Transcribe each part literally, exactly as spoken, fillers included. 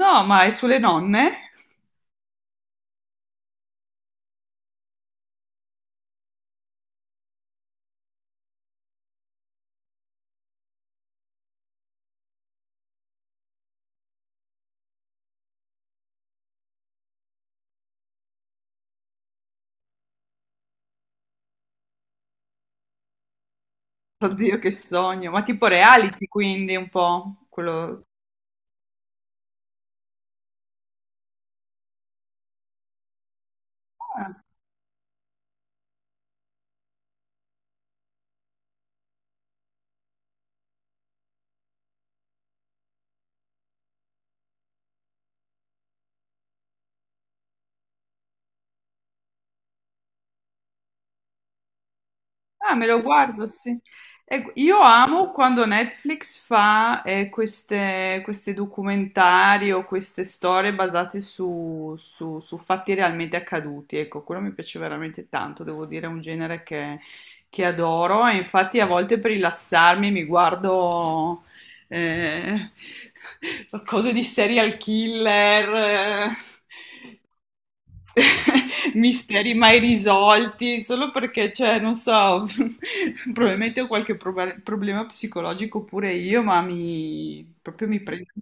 No, ma è sulle nonne? Oddio, che sogno. Ma tipo reality, quindi un po' quello. Ah, ah, me lo guardo, sì. E io amo quando Netflix fa eh, queste, questi documentari o queste storie basate su, su- su fatti realmente accaduti. Ecco, quello mi piace veramente tanto, devo dire, è un genere che, che adoro e infatti a volte per rilassarmi mi guardo eh, cose di serial killer, eh, misteri mai risolti, solo perché, cioè, non so, probabilmente ho qualche proba- problema psicologico pure io, ma mi, proprio mi prende.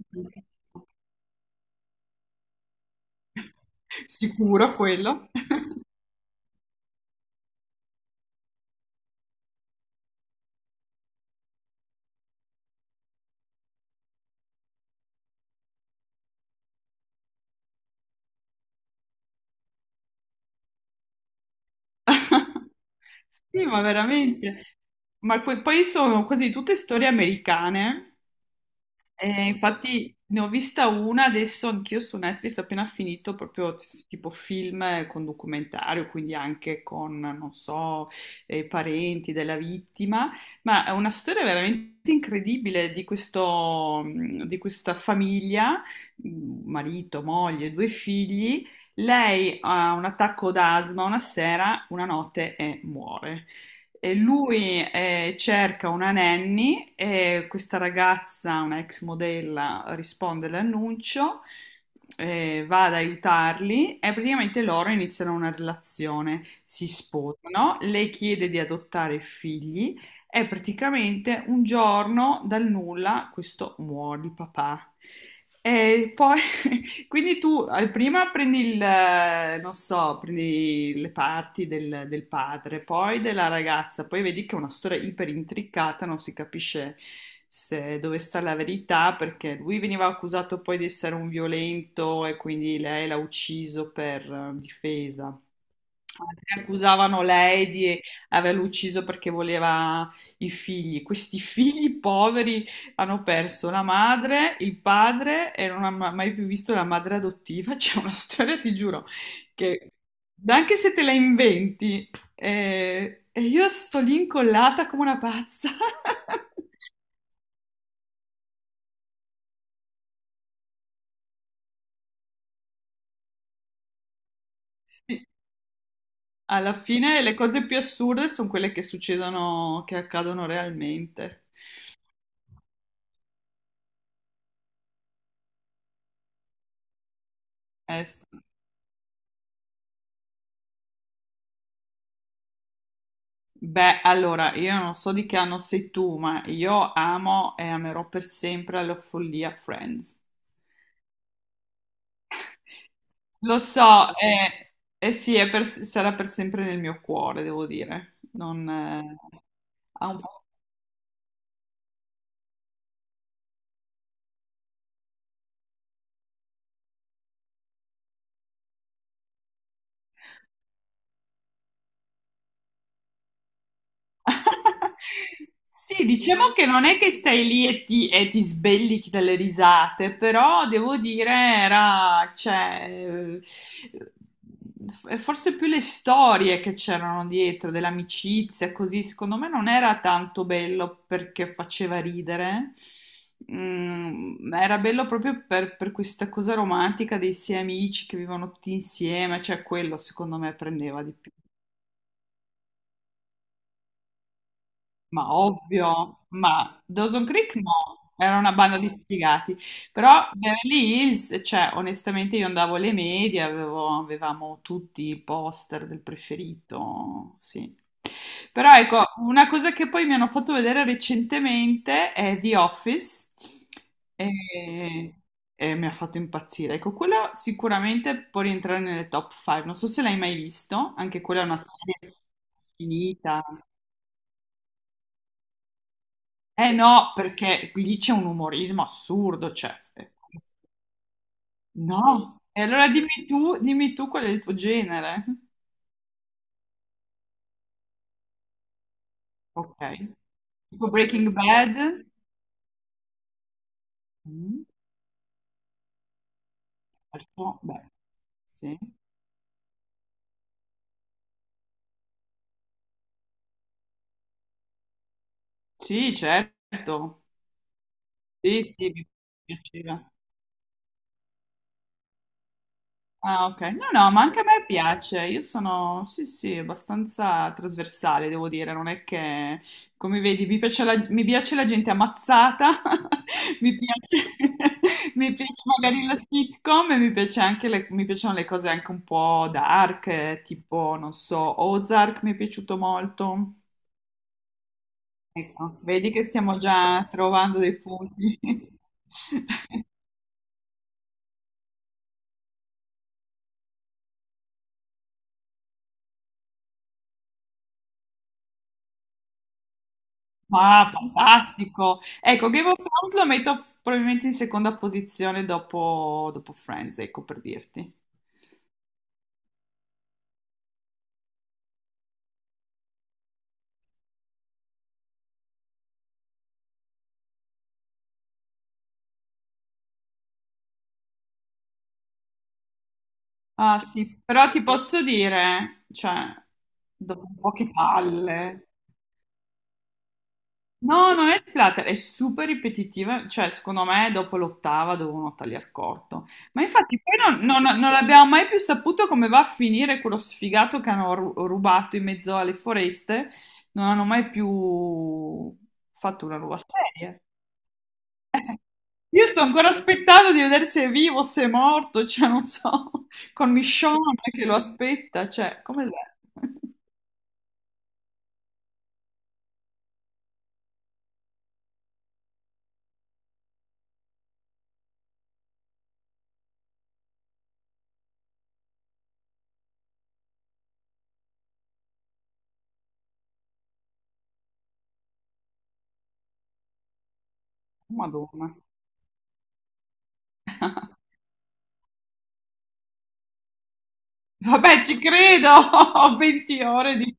Sicuro quello. Sì, ma veramente. Ma poi, poi sono quasi tutte storie americane. Eh, infatti ne ho vista una adesso anch'io su Netflix appena finito, proprio t- tipo film con documentario, quindi anche con, non so, eh, parenti della vittima, ma è una storia veramente incredibile di questo, mh, di questa famiglia, mh, marito, moglie, due figli. Lei ha un attacco d'asma una sera, una notte e muore. E lui eh, cerca una nanny e questa ragazza, una ex modella, risponde all'annuncio, eh, va ad aiutarli e praticamente loro iniziano una relazione, si sposano, lei chiede di adottare figli e praticamente un giorno dal nulla questo muore il papà. E poi quindi tu eh, prima prendi il, eh, non so, prendi le parti del, del padre, poi della ragazza, poi vedi che è una storia iper intricata, non si capisce se- dove sta la verità, perché lui veniva accusato poi di essere un violento e quindi lei l'ha ucciso per eh, difesa. Altri accusavano lei di averlo ucciso perché voleva i figli. Questi figli poveri hanno perso la madre, il padre e non hanno mai più visto la madre adottiva. C'è una storia, ti giuro, che anche se te la inventi, eh, e io sto lì incollata come una pazza. Sì, alla fine le cose più assurde sono quelle che succedono, che accadono realmente. Eh, sì. Beh, allora, io non so di che anno sei tu, ma io amo e amerò per sempre la follia Friends. Lo so, e, e sì, è per- sarà per sempre nel mio cuore, devo dire. Non, eh, ha un po'. Sì, diciamo che non è che stai lì e ti, e ti sbellichi dalle risate, però devo dire, era, cioè, eh, f- forse più le storie che c'erano dietro, dell'amicizia, così, secondo me non era tanto bello perché faceva ridere. Mm, ma era bello proprio per, per questa cosa romantica dei sei amici che vivono tutti insieme, cioè quello secondo me prendeva di più. Ma ovvio, ma Dawson Creek no, era una banda di sfigati, però Beverly Hills, cioè onestamente io andavo alle medie, avevo- avevamo tutti i poster del preferito, sì. Però ecco, una cosa che poi mi hanno fatto vedere recentemente è The Office e, e mi ha fatto impazzire. Ecco, quello sicuramente può rientrare nelle top cinque, non so se l'hai mai visto, anche quella è una serie finita. Eh no, perché lì c'è un umorismo assurdo, cioè, eh. No. E allora dimmi tu, dimmi tu qual è il tuo genere. Ok. Tipo Breaking Bad. Mm, certo, beh, sì. Sì, certo. Sì, sì, mi piaceva. Ah, ok. No, no, ma anche a me piace. Io sono, sì, sì, abbastanza trasversale, devo dire. Non è che, come vedi, mi piace la, mi piace la gente ammazzata, mi piace, mi piace magari la sitcom e mi piace anche le, mi piacciono le cose anche un po' dark, eh, tipo, non so, Ozark mi è piaciuto molto. Ecco, vedi che stiamo già trovando dei punti. Ah, fantastico! Ecco, Game of Thrones lo metto f- probabilmente in seconda posizione dopo, dopo Friends, ecco per dirti. Ah sì, però ti posso dire, cioè, dopo un po' che palle. No, non è splatter, è super ripetitiva, cioè secondo me dopo l'ottava devono tagliar corto. Ma infatti poi non, non- non abbiamo mai più saputo come va a finire quello sfigato che hanno ru- rubato in mezzo alle foreste, non hanno mai più fatto una nuova serie. Io sto ancora aspettando di vedere se è vivo, o se è morto, cioè non so, con Michonne che lo aspetta, cioè come... Madonna. Vabbè, ci credo, venti ore di...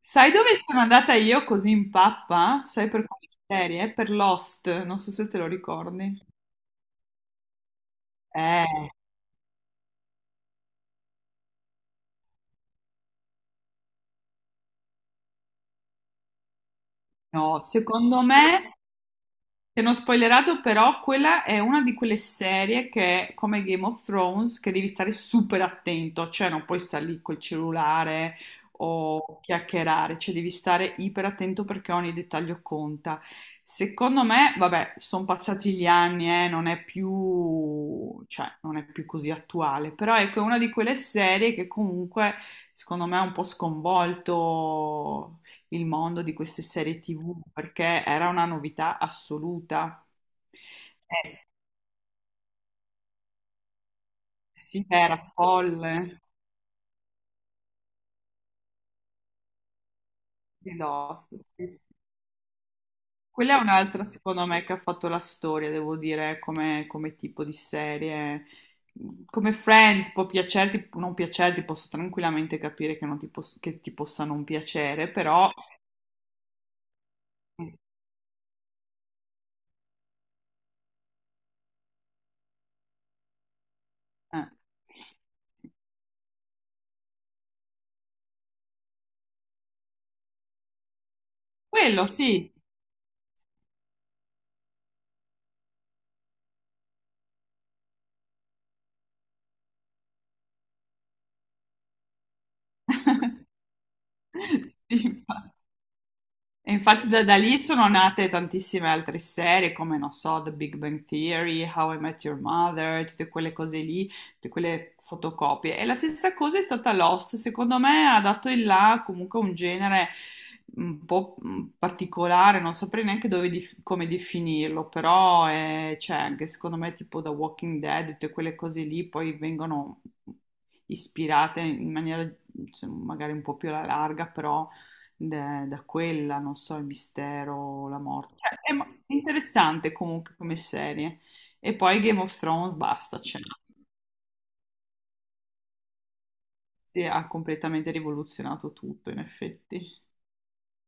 Sai dove sono andata io così in pappa? Sai per quale serie? Per Lost, non so se te lo ricordi. Eh, no, secondo me ti hanno spoilerato però, quella è una di quelle serie che è come Game of Thrones che devi stare super attento, cioè non puoi stare lì col cellulare o chiacchierare, cioè devi stare iper attento perché ogni dettaglio conta. Secondo me, vabbè, sono passati gli anni, eh, non è più, cioè, non è più così attuale, però ecco, è una di quelle serie che comunque, secondo me, ha un po' sconvolto il mondo di queste serie T V perché era una novità assoluta. Eh, sì, era folle di Lost. Sì, sì. Quella è un'altra, secondo me, che ha fatto la storia, devo dire, come, come tipo di serie. Come Friends può piacerti, può non piacerti, posso tranquillamente capire che, non ti, poss- che ti possa non piacere, però eh. Quello sì. Sì, infatti. E infatti da, da lì sono nate tantissime altre serie come, non so, The Big Bang Theory, How I Met Your Mother, tutte quelle cose lì, tutte quelle fotocopie. E la stessa cosa è stata Lost, secondo me ha dato il là comunque a un genere un po' mm, particolare, non saprei neanche dove dif- come definirlo, però è- c'è anche secondo me tipo The Walking Dead, tutte quelle cose lì poi vengono ispirate in maniera, cioè, magari un po' più alla larga, però da da quella, non so, il mistero, la morte. Cioè, è mo- è interessante comunque come serie. E poi Game of Thrones, basta, cioè, si ha completamente rivoluzionato tutto, in effetti.